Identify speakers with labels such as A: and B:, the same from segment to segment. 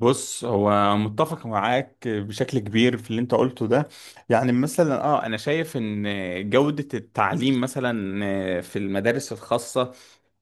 A: بص، هو متفق معاك بشكل كبير في اللي انت قلته ده. يعني مثلا انا شايف ان جودة التعليم مثلا في المدارس الخاصة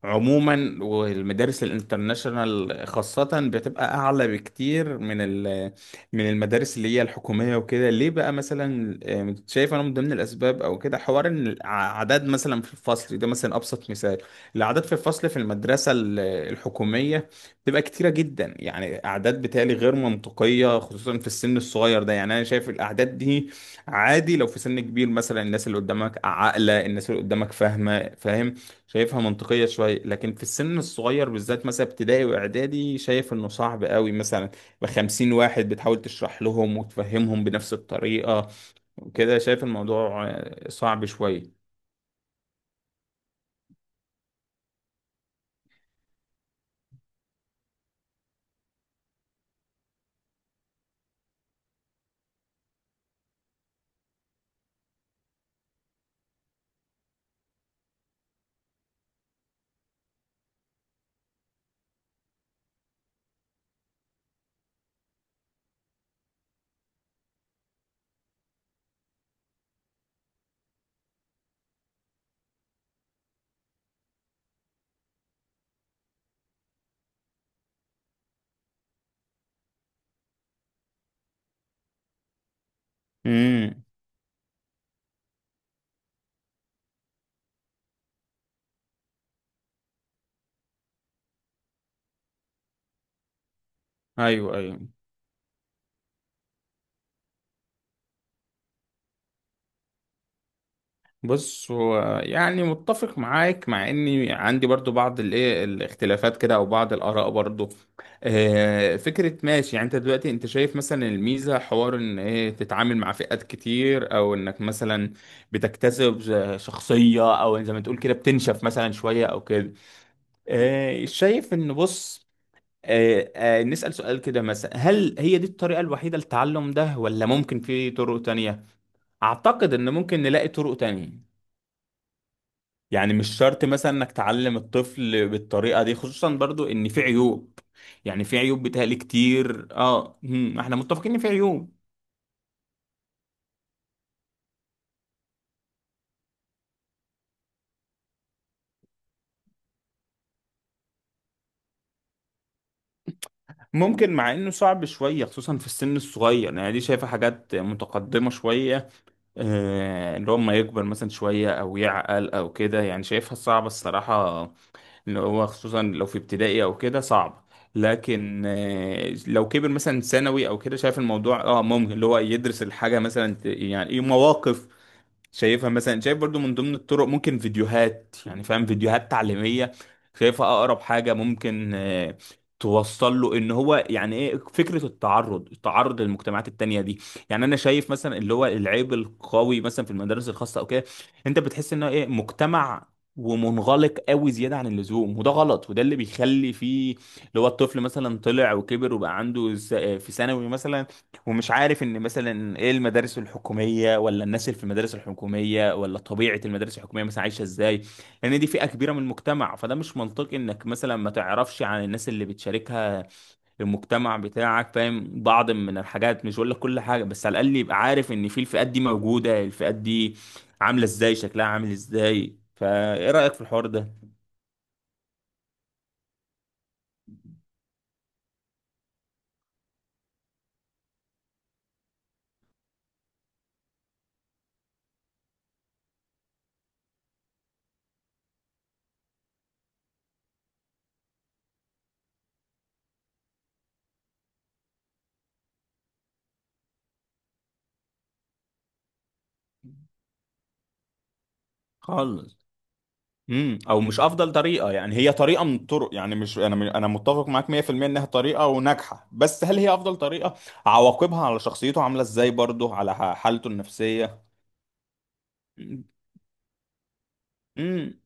A: عموما والمدارس الانترناشونال خاصة بتبقى أعلى بكتير من المدارس اللي هي الحكومية وكده. ليه بقى مثلا شايف أنا من ضمن الأسباب أو كده حوار إن الأعداد مثلا في الفصل ده مثلا أبسط مثال. الأعداد في الفصل في المدرسة الحكومية تبقى كتيرة جدا، يعني أعداد بتالي غير منطقية خصوصا في السن الصغير ده. يعني أنا شايف الأعداد دي عادي لو في سن كبير، مثلا الناس اللي قدامك عاقلة، الناس اللي قدامك فاهمة، فاهم. شايفها منطقية شوية، لكن في السن الصغير بالذات مثلا ابتدائي وإعدادي شايف إنه صعب قوي، مثلا بخمسين واحد بتحاول تشرح لهم وتفهمهم بنفس الطريقة، وكده شايف الموضوع صعب شوية. امم. ايوه ايوه. بص هو، يعني متفق معاك، مع اني عندي برضو بعض الايه الاختلافات كده او بعض الاراء برضو. فكرة ماشي، يعني انت دلوقتي انت شايف مثلا الميزة حوار ان ايه تتعامل مع فئات كتير او انك مثلا بتكتسب شخصية او زي ما تقول كده بتنشف مثلا شوية او كده. شايف ان بص، نسأل سؤال كده مثلا، هل هي دي الطريقة الوحيدة للتعلم ده ولا ممكن في طرق تانية؟ اعتقد ان ممكن نلاقي طرق تانية. يعني مش شرط مثلا انك تعلم الطفل بالطريقة دي، خصوصا برضو ان في عيوب. يعني في عيوب بتهيألي كتير، اه هم، احنا متفقين ان في عيوب. ممكن، مع انه صعب شوية خصوصا في السن الصغير، يعني دي شايفة حاجات متقدمة شوية، اللي هو ما يكبر مثلا شوية او يعقل او كده. يعني شايفها صعبة الصراحة، اللي هو خصوصا لو في ابتدائي او كده، صعب. لكن لو كبر مثلا ثانوي او كده، شايف الموضوع ممكن اللي هو يدرس الحاجه مثلا يعني ايه مواقف. شايفها مثلا، شايف برضو من ضمن الطرق ممكن فيديوهات، يعني فاهم، فيديوهات تعليمية. شايفها أقرب حاجة ممكن توصل له ان هو يعني ايه فكرة التعرض للمجتمعات التانية دي. يعني انا شايف مثلا اللي هو العيب القوي مثلا في المدارس الخاصة او كده، انت بتحس انه ايه مجتمع، ومنغلق قوي زيادة عن اللزوم، وده غلط، وده اللي بيخلي فيه اللي هو الطفل مثلا طلع وكبر وبقى عنده في ثانوي مثلا ومش عارف ان مثلا ايه المدارس الحكوميه ولا الناس اللي في المدارس الحكوميه ولا طبيعه المدارس الحكوميه مثلا عايشه ازاي. لان دي فئه كبيره من المجتمع، فده مش منطقي انك مثلا ما تعرفش عن الناس اللي بتشاركها المجتمع بتاعك، فاهم، بعض من الحاجات، مش بقول لك كل حاجه، بس على الاقل يبقى عارف ان في الفئات دي موجوده، الفئات دي عامله ازاي، شكلها عامل ازاي. فايه رايك في الحوار ده؟ خالص. امم. او مش افضل طريقه، يعني هي طريقه من الطرق، يعني مش، انا متفق معاك 100% انها طريقه وناجحه، بس هل هي افضل طريقه؟ عواقبها على شخصيته عامله ازاي برضه، على حالته النفسيه. امم.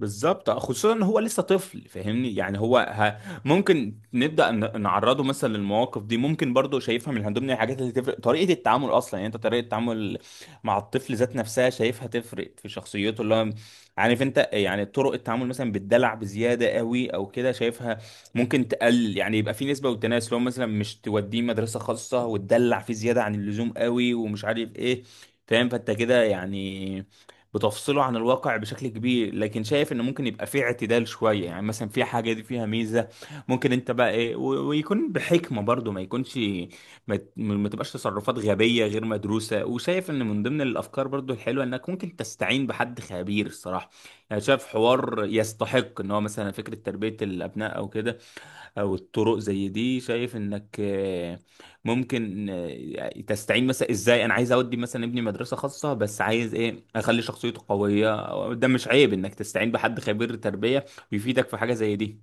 A: بالظبط، خصوصا ان هو لسه طفل، فاهمني، يعني هو ممكن نبدا نعرضه مثلا للمواقف دي. ممكن برضه شايفها من ضمن الحاجات اللي تفرق، طريقه التعامل اصلا يعني، انت طريقه التعامل مع الطفل ذات نفسها شايفها تفرق في شخصيته اللي هو. عارف انت يعني، طرق التعامل مثلا بالدلع بزياده قوي او كده شايفها ممكن تقلل، يعني يبقى في نسبه والتناسب، لو مثلا مش توديه مدرسه خاصه وتدلع فيه زياده عن اللزوم قوي ومش عارف ايه، فاهم، فانت كده يعني بتفصله عن الواقع بشكل كبير. لكن شايف ان ممكن يبقى فيه اعتدال شوية، يعني مثلا في حاجة دي فيها ميزة، ممكن انت بقى ايه ويكون بحكمة برضو ما يكونش، ما تبقاش تصرفات غبية غير مدروسة. وشايف ان من ضمن الافكار برضو الحلوة انك ممكن تستعين بحد خبير الصراحة. يعني شايف حوار يستحق، ان هو مثلا فكرة تربية الابناء او كده، او الطرق زي دي، شايف انك ممكن تستعين مثلا ازاي، انا عايز اودي مثلا ابني مدرسة خاصة، بس عايز ايه اخلي شخصيته قوية، ده مش عيب انك تستعين بحد خبير تربية يفيدك في حاجة زي دي.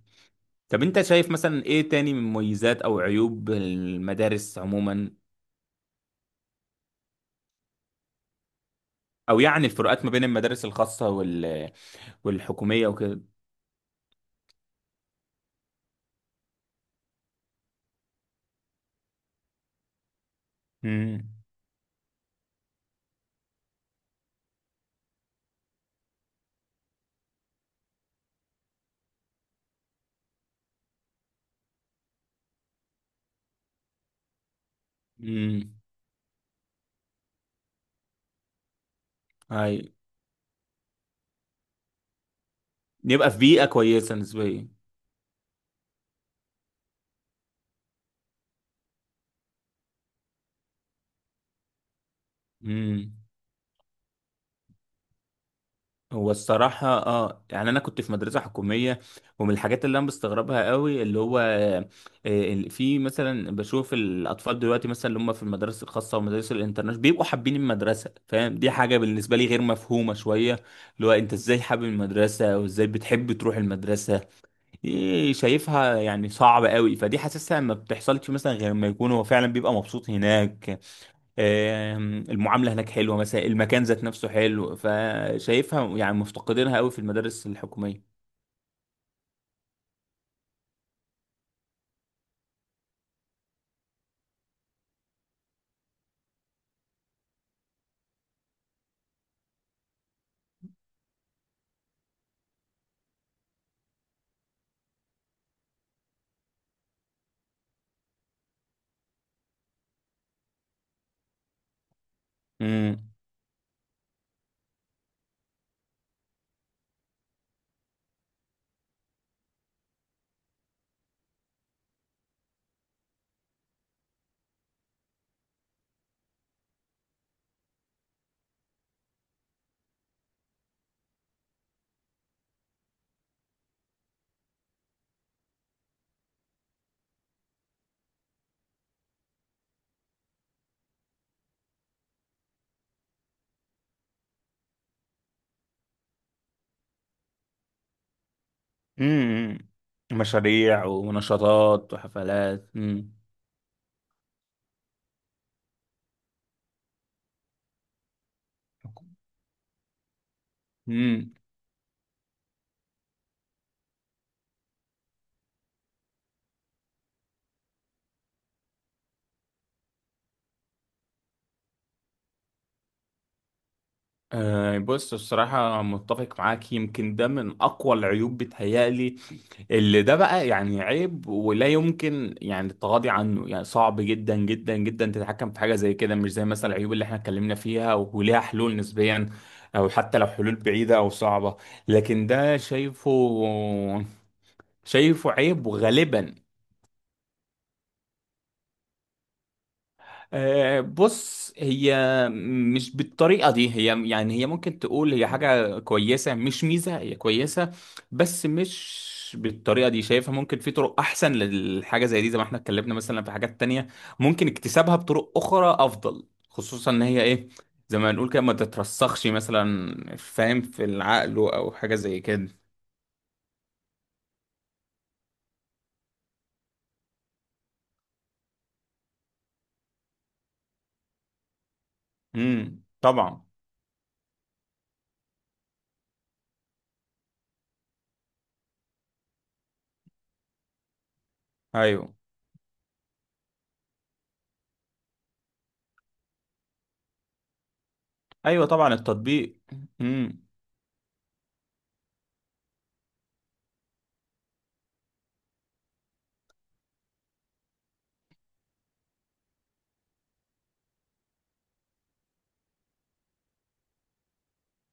A: طب انت شايف مثلا ايه تاني من مميزات او عيوب المدارس عموما؟ او يعني الفروقات ما بين المدارس الخاصة والحكومية وكده. امم امم. هاي، نبقى في بيئة كويسة نسبيا. امم. هو الصراحة يعني أنا كنت في مدرسة حكومية، ومن الحاجات اللي أنا بستغربها قوي اللي هو في مثلا بشوف الأطفال دلوقتي مثلا اللي هم في المدارس الخاصة والمدارس الانترناشونال بيبقوا حابين المدرسة، فاهم، دي حاجة بالنسبة لي غير مفهومة شوية. اللي هو أنت إزاي حابب المدرسة وإزاي بتحب تروح المدرسة؟ دي شايفها يعني صعب قوي، فدي حاسسها ما بتحصلش مثلا غير ما يكون هو فعلا بيبقى مبسوط هناك. المعاملة هناك حلوة مثلا، المكان ذات نفسه حلو، فشايفها يعني مفتقدينها قوي في المدارس الحكومية. امم امم. مشاريع ونشاطات وحفلات. امم. امم. بص، الصراحة متفق معاك، يمكن ده من أقوى العيوب بتهيألي، اللي ده بقى يعني عيب ولا يمكن يعني التغاضي عنه. يعني صعب جدا جدا جدا تتحكم في حاجة زي كده، مش زي مثلا العيوب اللي احنا اتكلمنا فيها وليها حلول نسبيا، او حتى لو حلول بعيدة او صعبة. لكن ده شايفه، عيب، وغالبا. بص هي مش بالطريقة دي، هي يعني هي ممكن تقول هي حاجة كويسة مش ميزة، هي كويسة، بس مش بالطريقة دي شايفها. ممكن في طرق أحسن للحاجة زي دي، زي ما احنا اتكلمنا مثلا في حاجات تانية، ممكن اكتسابها بطرق أخرى أفضل، خصوصا إن هي إيه زي ما نقول كده ما تترسخش مثلا، فاهم، في العقل أو حاجة زي كده. طبعا. أيوه أيوه طبعا التطبيق. امم.